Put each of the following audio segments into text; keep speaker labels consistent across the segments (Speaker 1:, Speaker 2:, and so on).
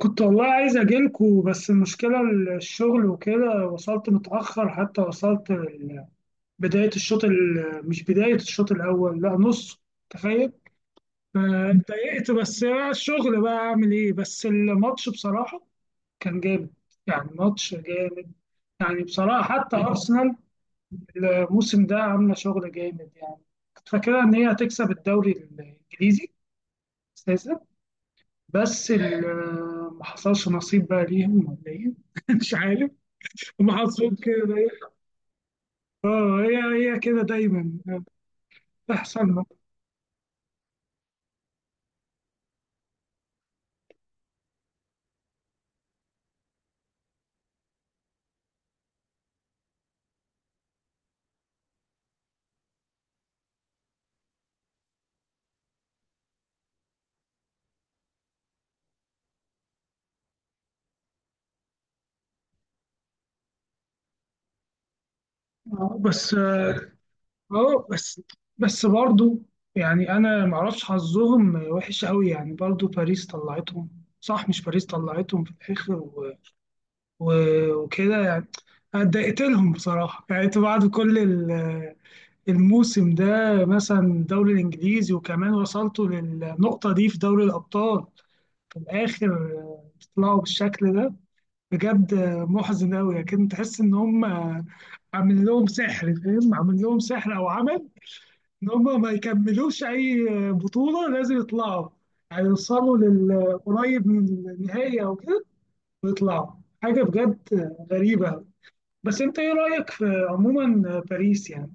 Speaker 1: كنت والله عايز أجيلكوا، بس المشكلة الشغل وكده. وصلت متأخر، حتى وصلت بداية الشوط ال- مش بداية الشوط الأول، لا نص. تخيل. اتضايقت، بس الشغل، بقى أعمل إيه؟ بس الماتش بصراحة كان جامد. يعني ماتش جامد. يعني بصراحة حتى أرسنال الموسم ده عاملة شغل جامد يعني. كنت فاكرها إن هي هتكسب الدوري الإنجليزي أساسا، بس ما حصلش نصيب بقى ليهم ولا ايه؟ مش عارف، هم حظهم كده. اه، هي هي كده دايما بتحصل لنا. آه، بس آه، بس برضو يعني انا ما اعرفش، حظهم وحش قوي يعني. برضو باريس طلعتهم، صح؟ مش باريس طلعتهم في الاخر و... وكده يعني. أنا اتضايقت لهم بصراحه، يعني أنت بعد كل الموسم ده مثلا، الدوري الإنجليزي وكمان وصلتوا للنقطة دي في دوري الأبطال، في الآخر طلعوا بالشكل ده. بجد محزن أوي. لكن تحس إن هم عامل لهم سحر، فاهم؟ عامل لهم سحر أو عمل إن هم ما يكملوش أي بطولة. لازم يطلعوا، هيوصلوا للقريب من النهاية أو كده ويطلعوا. حاجة بجد غريبة أوي. بس أنت إيه رأيك في عموما باريس يعني؟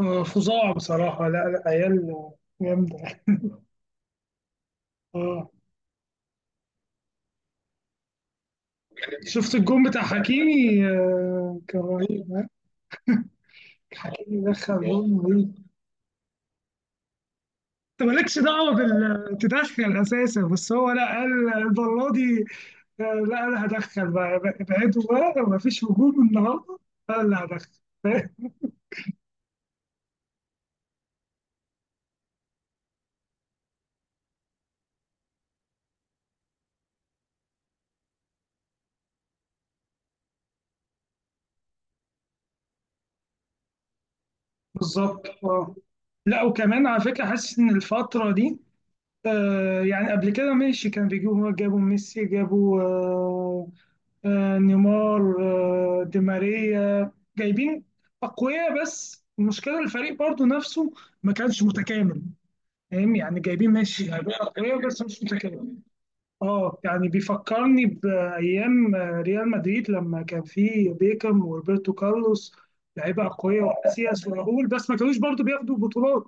Speaker 1: فظاع بصراحة. لا، عيال جامدة. اه، شفت الجون بتاع حكيمي كان رهيب، ها؟ حكيمي دخل جون رهيب. انت مالكش دعوة بال تدخل اساسا، بس هو لا، قال المرة دي لا، انا هدخل بقى، ابعدوا بقى، ما فيش هجوم النهارده، انا اللي هدخل. فاهم؟ بالظبط، اه. لا، وكمان على فكرة حاسس ان الفترة دي آه، يعني قبل كده ماشي، كان جابوا ميسي، جابوا نيمار، دي ماريا. جايبين أقوياء، بس المشكلة الفريق برضو نفسه ما كانش متكامل. فاهم يعني؟ جايبين ماشي، يعني جايبين أقوياء، بس مش متكامل. اه يعني بيفكرني بأيام ريال مدريد لما كان فيه بيكام وروبرتو كارلوس. لعيبة أقوياء، وكاسياس وراؤول، بس ما كانوش برضو بياخدوا بطولات.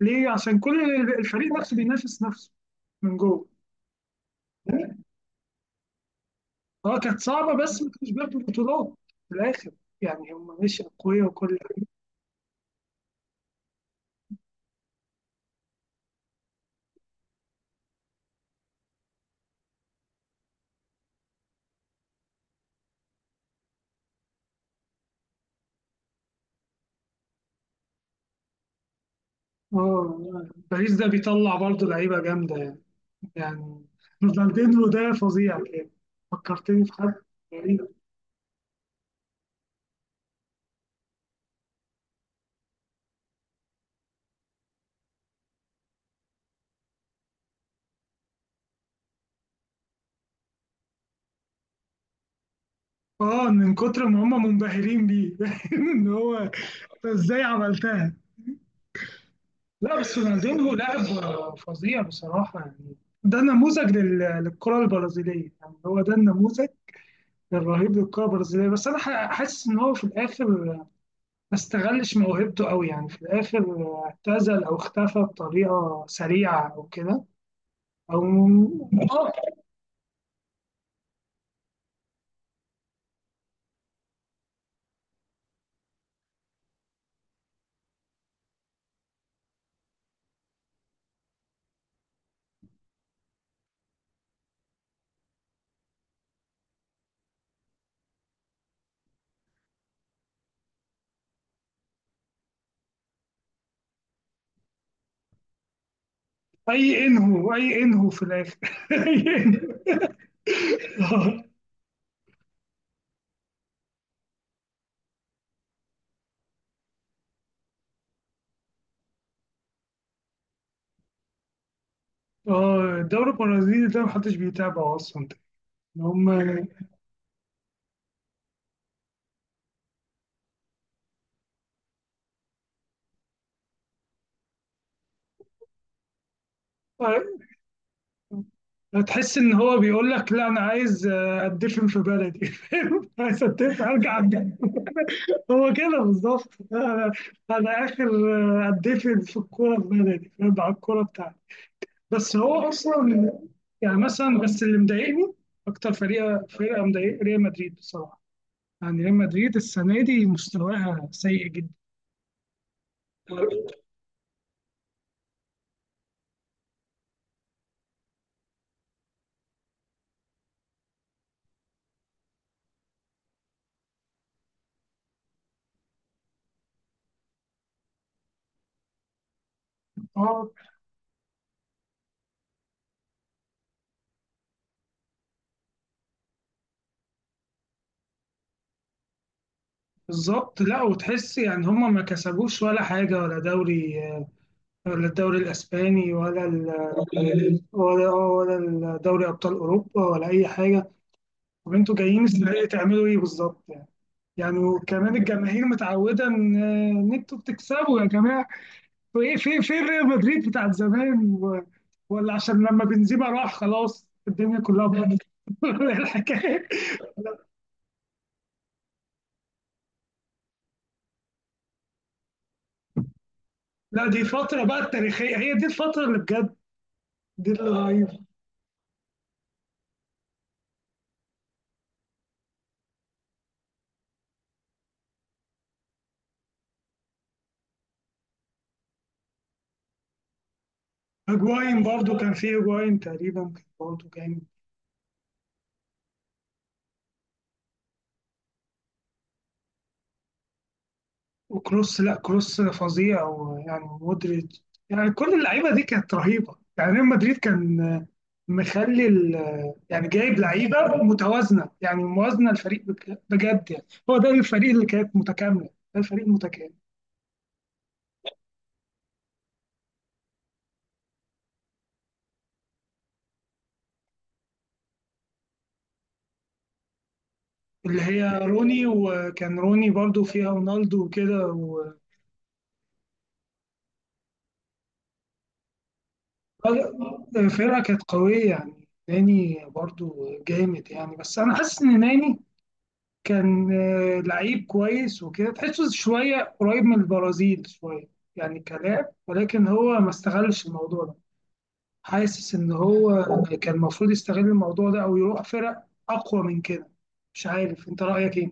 Speaker 1: ليه؟ عشان كل الفريق نفسه بينافس نفسه من جوه. اه كانت صعبة، بس ما كانوش بياخدوا البطولات في الآخر. يعني هم ماشي أقوياء وكل حاجة. اه، باريس ده بيطلع برضه لعيبة جامدة يعني. يعني رونالدينو ده فظيع كان، فكرتني في حد غريب. اه من كتر ما هم منبهرين بيه، ان هو أنت ازاي عملتها. لا بس رونالدينو لاعب فظيع بصراحة يعني. ده نموذج للكرة البرازيلية، يعني هو ده النموذج الرهيب للكرة البرازيلية. بس أنا حاسس إن هو في الآخر ما استغلش موهبته قوي، يعني في الآخر اعتزل أو اختفى بطريقة سريعة أو كده أو آه. أي إنهو، أي إنهو في الآخر أي إنهو آه. الدوري البرازيلي ده محدش بيتابعه أصلا. إن هم آه، تحس إن هو بيقول لك لا أنا عايز أدفن في بلدي. فاهم؟ عايز أدفن، أرجع أدفن. هو كده بالظبط، أنا أنا آخر أدفن في الكورة في بلدي، فاهم؟ على الكورة بتاعتي. بس هو اصلا يعني مثلا، بس اللي مضايقني اكتر فريق، فرقه مضايق ريال مدريد بصراحه. يعني ريال مدريد السنه دي مستواها سيء جدا. اه بالظبط. لا وتحس يعني هم ما كسبوش ولا حاجه، ولا دوري، ولا الدوري الاسباني ولا ال، ولا، ولا دوري ابطال اوروبا، ولا اي حاجه. طب انتوا جايين السنه دي تعملوا ايه بالظبط يعني؟ يعني وكمان الجماهير متعوده ان إن انتوا بتكسبوا يا جماعه. وايه في في ريال مدريد بتاعت زمان ولا عشان لما بنزيما راح خلاص الدنيا كلها باظت الحكايه؟ لا، دي الفتره بقى التاريخيه، هي دي الفتره اللي بجد، دي اللي رهيبه. هجواين برضو كان في هجواين تقريبا، كان برضو جامد. وكروس، لا كروس فظيع، ويعني مودريتش، يعني كل اللعيبه دي كانت رهيبه. يعني ريال مدريد كان مخلي يعني جايب لعيبه متوازنه، يعني موازنه الفريق بجد. يعني هو ده الفريق اللي كانت متكامله، ده الفريق المتكامل. اللي هي روني، وكان روني برضو فيها رونالدو وكده فرقه كانت قويه يعني. ناني برضو جامد يعني. بس انا حاسس ان ناني كان لعيب كويس وكده، تحسه شوية قريب من البرازيل شوية، يعني كلام. ولكن هو ما استغلش الموضوع ده. حاسس إن هو كان المفروض يستغل الموضوع ده أو يروح فرق أقوى من كده. مش عارف، أنت رأيك إيه؟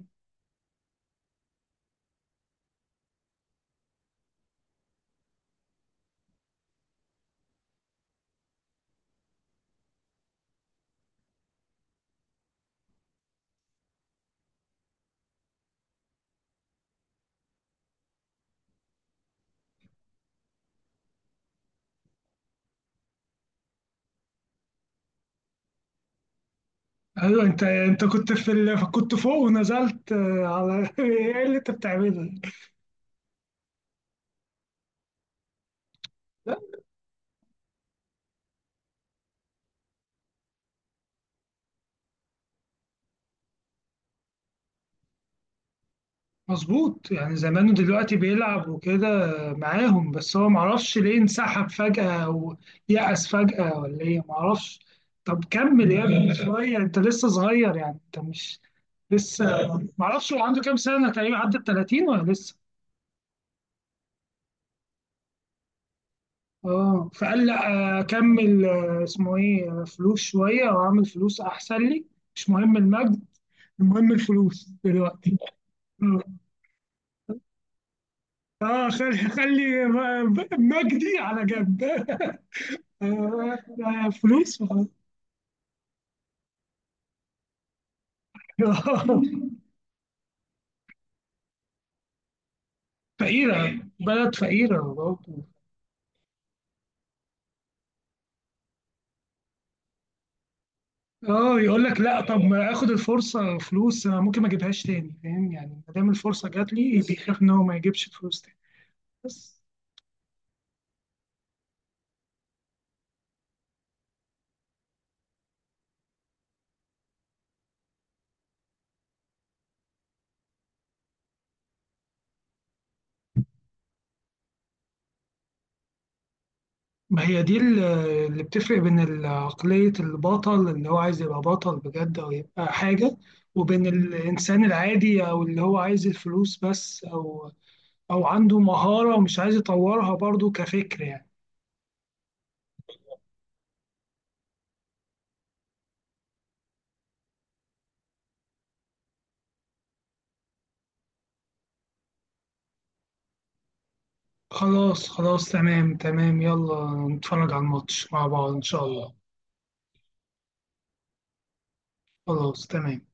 Speaker 1: أيوه، أنت أنت كنت في كنت فوق ونزلت على إيه اللي أنت بتعمله؟ مظبوط. يعني زمانه دلوقتي بيلعب وكده معاهم، بس هو معرفش ليه انسحب فجأة، أو يأس فجأة، ولا إيه معرفش. طب كمل يا ابني شوية، أنت لسه صغير، يعني أنت مش لسه. معرفش هو عنده كام سنة تقريبا؟ عدت 30 ولا لسه؟ اه، فقال لا أكمل اسمه إيه فلوس شوية وأعمل فلوس، أحسن لي. مش مهم المجد، المهم الفلوس دلوقتي. اه، خلي مجدي على جنب فلوس فقيرة، بلد فقيرة برضه. اه يقول لك لا، طب ما اخد الفرصة، فلوس أنا ممكن ما اجيبهاش تاني، فاهم يعني؟ ما دام الفرصة جات لي، بيخاف ان هو ما يجيبش فلوس تاني. بس ما هي دي اللي بتفرق بين عقلية البطل اللي هو عايز يبقى بطل بجد او يبقى حاجة، وبين الانسان العادي او اللي هو عايز الفلوس بس، او او عنده مهارة ومش عايز يطورها برضه كفكر يعني. خلاص، تمام، يلا نتفرج على الماتش مع بعض إن شاء الله. خلاص تمام.